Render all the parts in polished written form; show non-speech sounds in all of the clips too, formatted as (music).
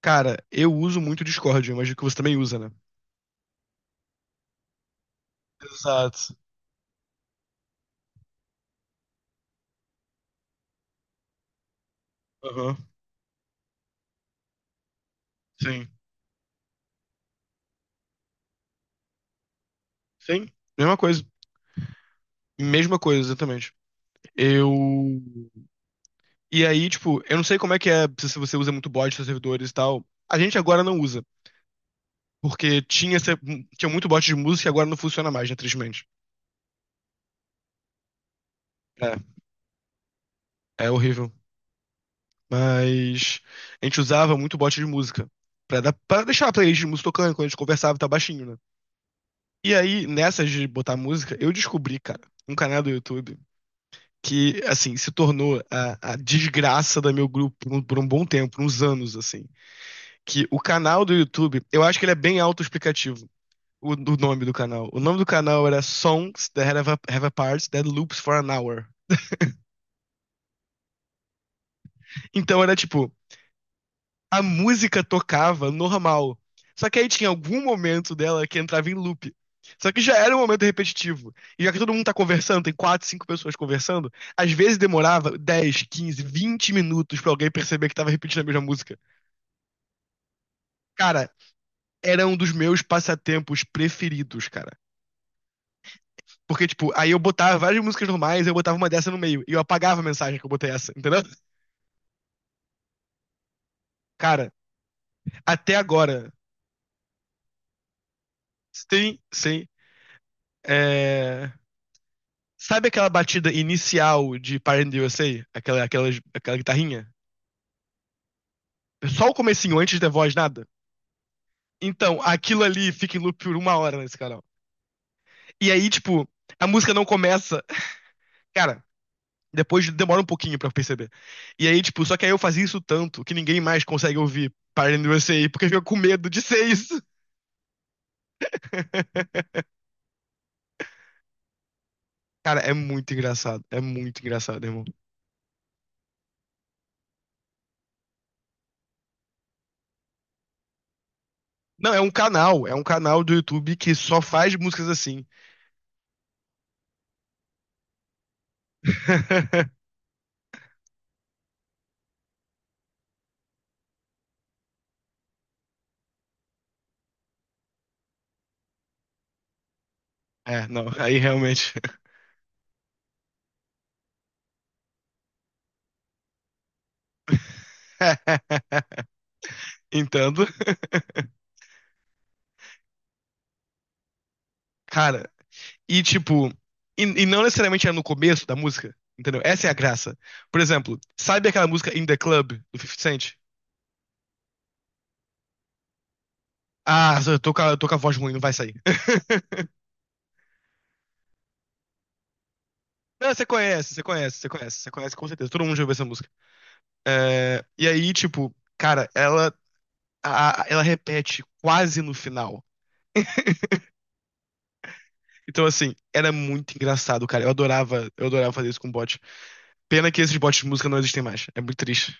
Cara, eu uso muito o Discord, eu imagino que você também usa, né? Exato. Aham. Sim. Sim. Mesma coisa. Mesma coisa, exatamente. Eu. E aí, tipo, eu não sei como é que é, se você usa muito bot nos servidores e tal. A gente agora não usa. Porque tinha, tinha muito bot de música e agora não funciona mais, né, tristemente. É, é horrível. Mas a gente usava muito bot de música. Pra, dar, pra deixar a playlist de música tocando quando a gente conversava, tá baixinho, né? E aí, nessas de botar música, eu descobri, cara, um canal do YouTube. Que, assim, se tornou a desgraça do meu grupo por um bom tempo, uns anos, assim. Que o canal do YouTube, eu acho que ele é bem autoexplicativo, o nome do canal. O nome do canal era Songs That Have a, have a Parts That Loops for an Hour. Então era tipo, a música tocava normal. Só que aí tinha algum momento dela que entrava em loop. Só que já era um momento repetitivo. E já que todo mundo tá conversando, tem 4, 5 pessoas conversando, às vezes demorava 10, 15, 20 minutos pra alguém perceber que tava repetindo a mesma música. Cara, era um dos meus passatempos preferidos, cara. Porque, tipo, aí eu botava várias músicas normais, eu botava uma dessa no meio. E eu apagava a mensagem que eu botei essa, entendeu? Cara, até agora. Sim, sim. É... Sabe aquela batida inicial de Parent the USA? Aquela, aquela, aquela guitarrinha? Só o comecinho, antes da voz, nada? Então, aquilo ali fica em loop por 1 hora nesse canal. E aí, tipo, a música não começa. Cara, depois demora um pouquinho pra perceber. E aí, tipo, só que aí eu fazia isso tanto que ninguém mais consegue ouvir Party in the USA porque fica com medo de ser isso. (laughs) Cara, é muito engraçado. É muito engraçado, irmão. Não, é um canal. É um canal do YouTube que só faz músicas assim. (laughs) É, não, aí realmente. (laughs) Entendo. (laughs) Cara, e tipo, e não necessariamente é no começo da música, entendeu? Essa é a graça. Por exemplo, sabe aquela música In the Club do 50 Cent? Ah, eu tô com a, eu tô com a voz ruim, não vai sair. (laughs) Não, você conhece, você conhece, você conhece, você conhece com certeza. Todo mundo já ouviu essa música. É, e aí, tipo, cara, ela, ela repete quase no final. Então, assim, era muito engraçado, cara. Eu adorava fazer isso com bot. Pena que esses bots de música não existem mais. É muito triste.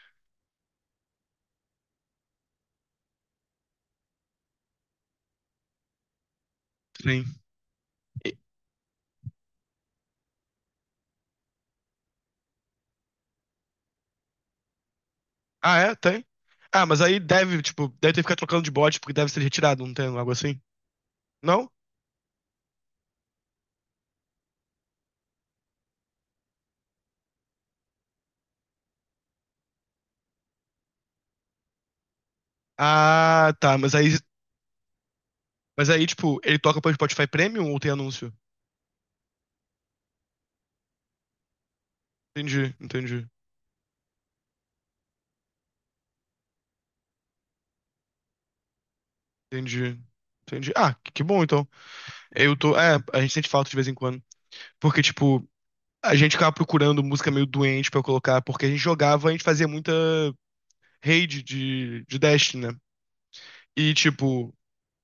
Sim. E- ah, é? Tem? Ah, mas aí deve, tipo, deve ter que ficar trocando de bot porque deve ser retirado, não tem um algo assim? Não? Ah, tá, mas aí, tipo, ele toca pelo Spotify Premium ou tem anúncio? Entendi, entendi. Entendi. Entendi. Ah, que bom então. Eu tô. É, a gente sente falta de vez em quando. Porque, tipo, a gente ficava procurando música meio doente pra eu colocar, porque a gente jogava, a gente fazia muita raid de Destiny, né? E, tipo,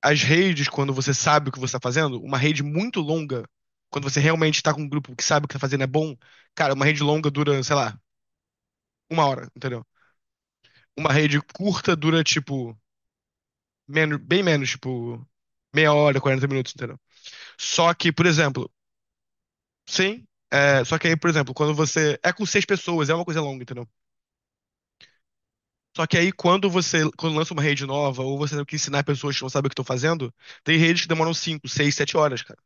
as raids, quando você sabe o que você tá fazendo, uma raid muito longa, quando você realmente tá com um grupo que sabe o que tá fazendo é bom, cara, uma raid longa dura, sei lá, uma hora, entendeu? Uma raid curta dura, tipo, menos, bem menos, tipo, meia hora, 40 minutos, entendeu? Só que, por exemplo. Sim. É, só que aí, por exemplo, quando você. É com 6 pessoas, é uma coisa longa, entendeu? Só que aí, quando lança uma rede nova, ou você tem que ensinar pessoas que não sabem o que estão fazendo, tem redes que demoram 5, 6, 7 horas, cara.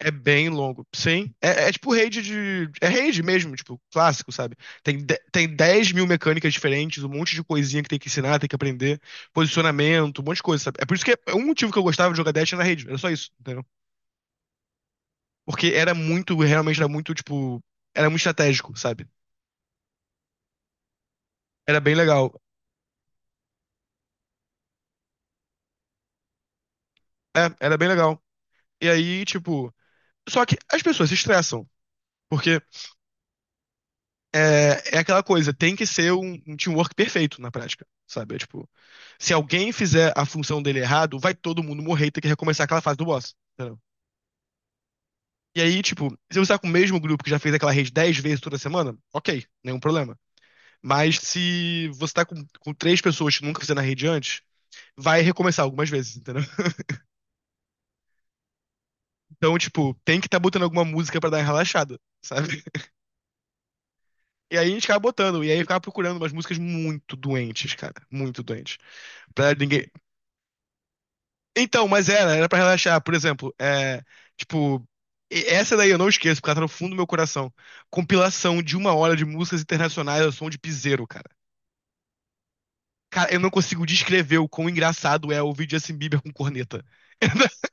É bem longo. Sim. É, é tipo rede de. É rede mesmo, tipo, clássico, sabe? Tem, de... tem 10 mil mecânicas diferentes, um monte de coisinha que tem que ensinar, tem que aprender, posicionamento, um monte de coisa, sabe? É por isso que é um motivo que eu gostava de jogar Dash na rede. Era só isso, entendeu? Porque era muito, realmente era muito, tipo. Era muito estratégico, sabe? Era bem legal. É, era bem legal. E aí, tipo. Só que as pessoas se estressam. Porque é, é aquela coisa, tem que ser um, um teamwork perfeito na prática, sabe? É, tipo, se alguém fizer a função dele errado, vai todo mundo morrer e ter que recomeçar aquela fase do boss. Entendeu? E aí, tipo, se você tá com o mesmo grupo que já fez aquela rede 10 vezes toda semana, ok, nenhum problema. Mas se você tá com 3 pessoas que nunca fizeram a rede antes, vai recomeçar algumas vezes, entendeu? Então, tipo, tem que tá botando alguma música pra dar uma relaxada, sabe? E aí a gente ficava botando, e aí ficava procurando umas músicas muito doentes, cara. Muito doentes. Pra ninguém. Então, mas era, era pra relaxar. Por exemplo, é. Tipo. Essa daí eu não esqueço, porque ela tá no fundo do meu coração. Compilação de 1 hora de músicas internacionais ao som de piseiro, cara. Cara, eu não consigo descrever o quão engraçado é ouvir Justin Bieber com corneta. (laughs)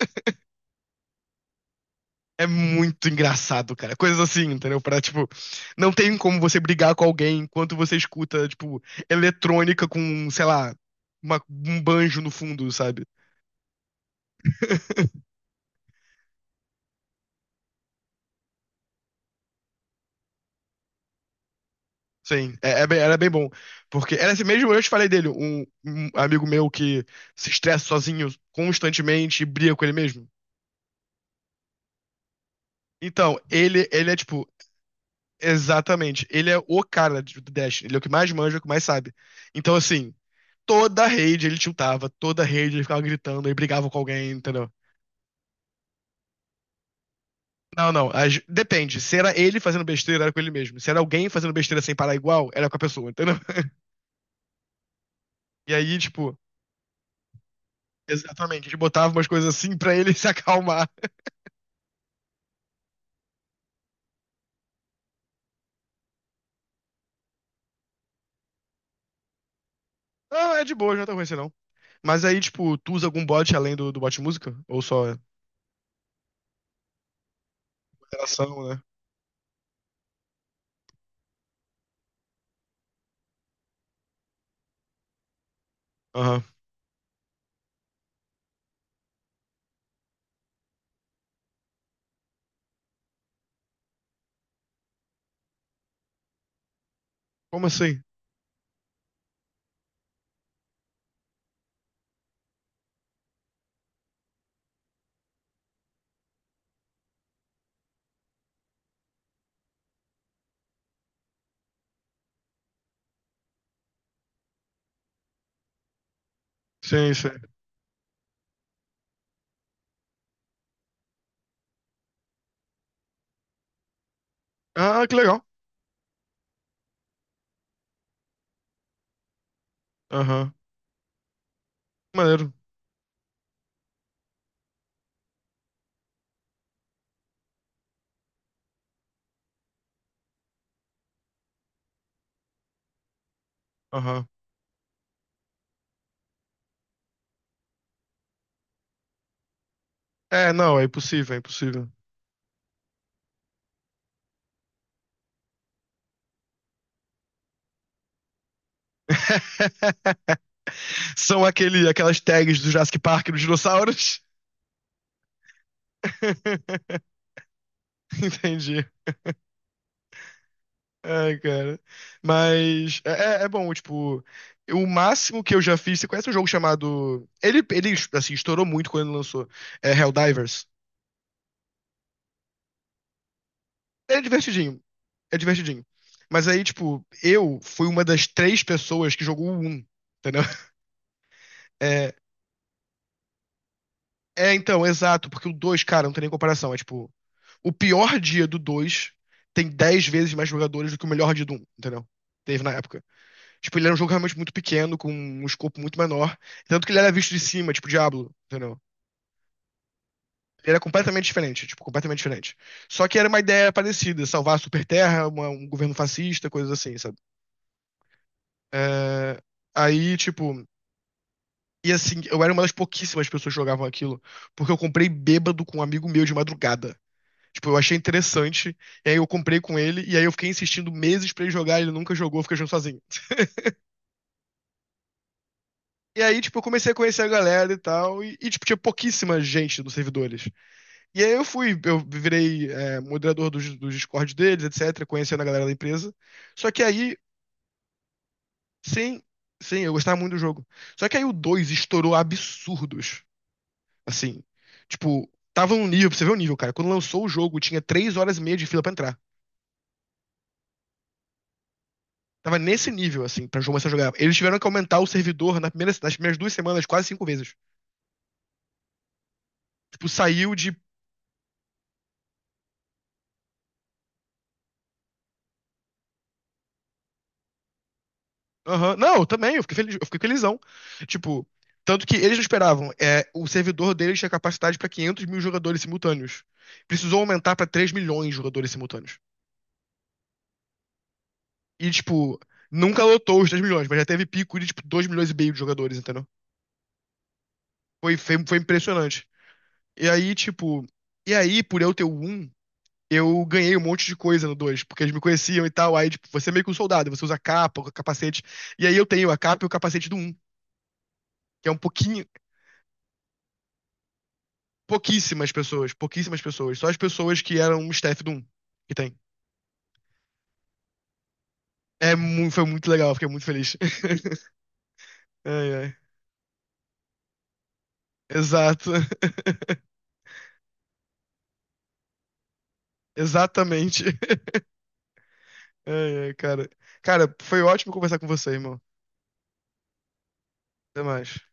É muito engraçado, cara. Coisas assim, entendeu? Pra, tipo, não tem como você brigar com alguém enquanto você escuta, tipo, eletrônica com, sei lá, um banjo no fundo, sabe? (laughs) Sim, é, era bem bom. Porque era esse mesmo, eu te falei dele, um amigo meu que se estressa sozinho constantemente e briga com ele mesmo. Então, ele é tipo, exatamente, ele é o do Dash, ele é o que mais manja, o que mais sabe. Então, assim, toda a rede ele tiltava, toda a rede ele ficava gritando e brigava com alguém, entendeu? Não, não. Depende. Se era ele fazendo besteira, era com ele mesmo. Se era alguém fazendo besteira sem parar igual, era com a pessoa, entendeu? (laughs) E aí, tipo, exatamente, a gente botava umas coisas assim pra ele (laughs) se acalmar. Ah, é de boa, não tá ruim assim, não. Mas aí, tipo, tu usa algum bot além do, do bot música? Ou só interação, né? Aham. Como assim? Sim, sim. Ah, que legal. Aham. Maneiro. Aham. É, não, é impossível, é impossível. (laughs) São aquele, aquelas tags do Jurassic Park dos dinossauros. (laughs) Entendi. Ai, cara. Mas é, é bom, tipo, o máximo que eu já fiz. Você conhece um jogo chamado. Ele assim, estourou muito quando ele lançou. É Helldivers. É divertidinho. É divertidinho. Mas aí, tipo, eu fui uma das 3 pessoas que jogou o 1. Entendeu? (laughs) É, É, então, exato, porque o 2, cara, não tem nem comparação. É tipo, o pior dia do 2 tem 10 vezes mais jogadores do que o melhor dia do um, entendeu? Teve na época. Tipo, ele era um jogo realmente muito pequeno, com um escopo muito menor. Tanto que ele era visto de cima, tipo Diablo, entendeu? Ele era completamente diferente, tipo, completamente diferente. Só que era uma ideia parecida, salvar a Superterra, um governo fascista, coisas assim, sabe? É, aí, tipo. E assim, eu era uma das pouquíssimas pessoas que jogavam aquilo, porque eu comprei bêbado com um amigo meu de madrugada. Tipo, eu achei interessante, e aí eu comprei com ele, e aí eu fiquei insistindo meses pra ele jogar, ele nunca jogou, eu jogando sozinho. E aí, tipo, eu comecei a conhecer a galera e tal, tipo, tinha pouquíssima gente nos servidores. E aí eu fui, eu virei é, moderador dos, dos Discord deles, etc, conhecendo a galera da empresa. Só que aí, sim, sim, eu gostava muito do jogo. Só que aí o dois estourou absurdos, assim. Tipo, tava num nível, pra você ver o nível, cara. Quando lançou o jogo, tinha 3 horas e meia de fila pra entrar. Tava nesse nível, assim, pra começar a jogar. Eles tiveram que aumentar o servidor na primeira, nas primeiras 2 semanas, quase 5 vezes. Tipo, saiu de. Aham. Não, eu também, eu fiquei feliz, eu fiquei felizão. Tipo, tanto que eles não esperavam. É, o servidor deles tinha capacidade pra 500 mil jogadores simultâneos. Precisou aumentar pra 3 milhões de jogadores simultâneos. E, tipo, nunca lotou os 3 milhões, mas já teve pico de, tipo, 2 milhões e meio de jogadores, entendeu? Foi, foi, foi impressionante. E aí, tipo. E aí, por eu ter o 1, eu ganhei um monte de coisa no 2 porque eles me conheciam e tal. Aí, tipo, você é meio que um soldado, você usa a capa, o capacete. E aí eu tenho a capa e o capacete do um que é um pouquinho. Pouquíssimas pessoas, pouquíssimas pessoas. Só as pessoas que eram um staff do um que tem. É, foi muito legal, fiquei muito feliz. (laughs) Ai, ai. Exato, (laughs) exatamente. Ai, ai, cara. Cara, foi ótimo conversar com você, irmão. Até mais.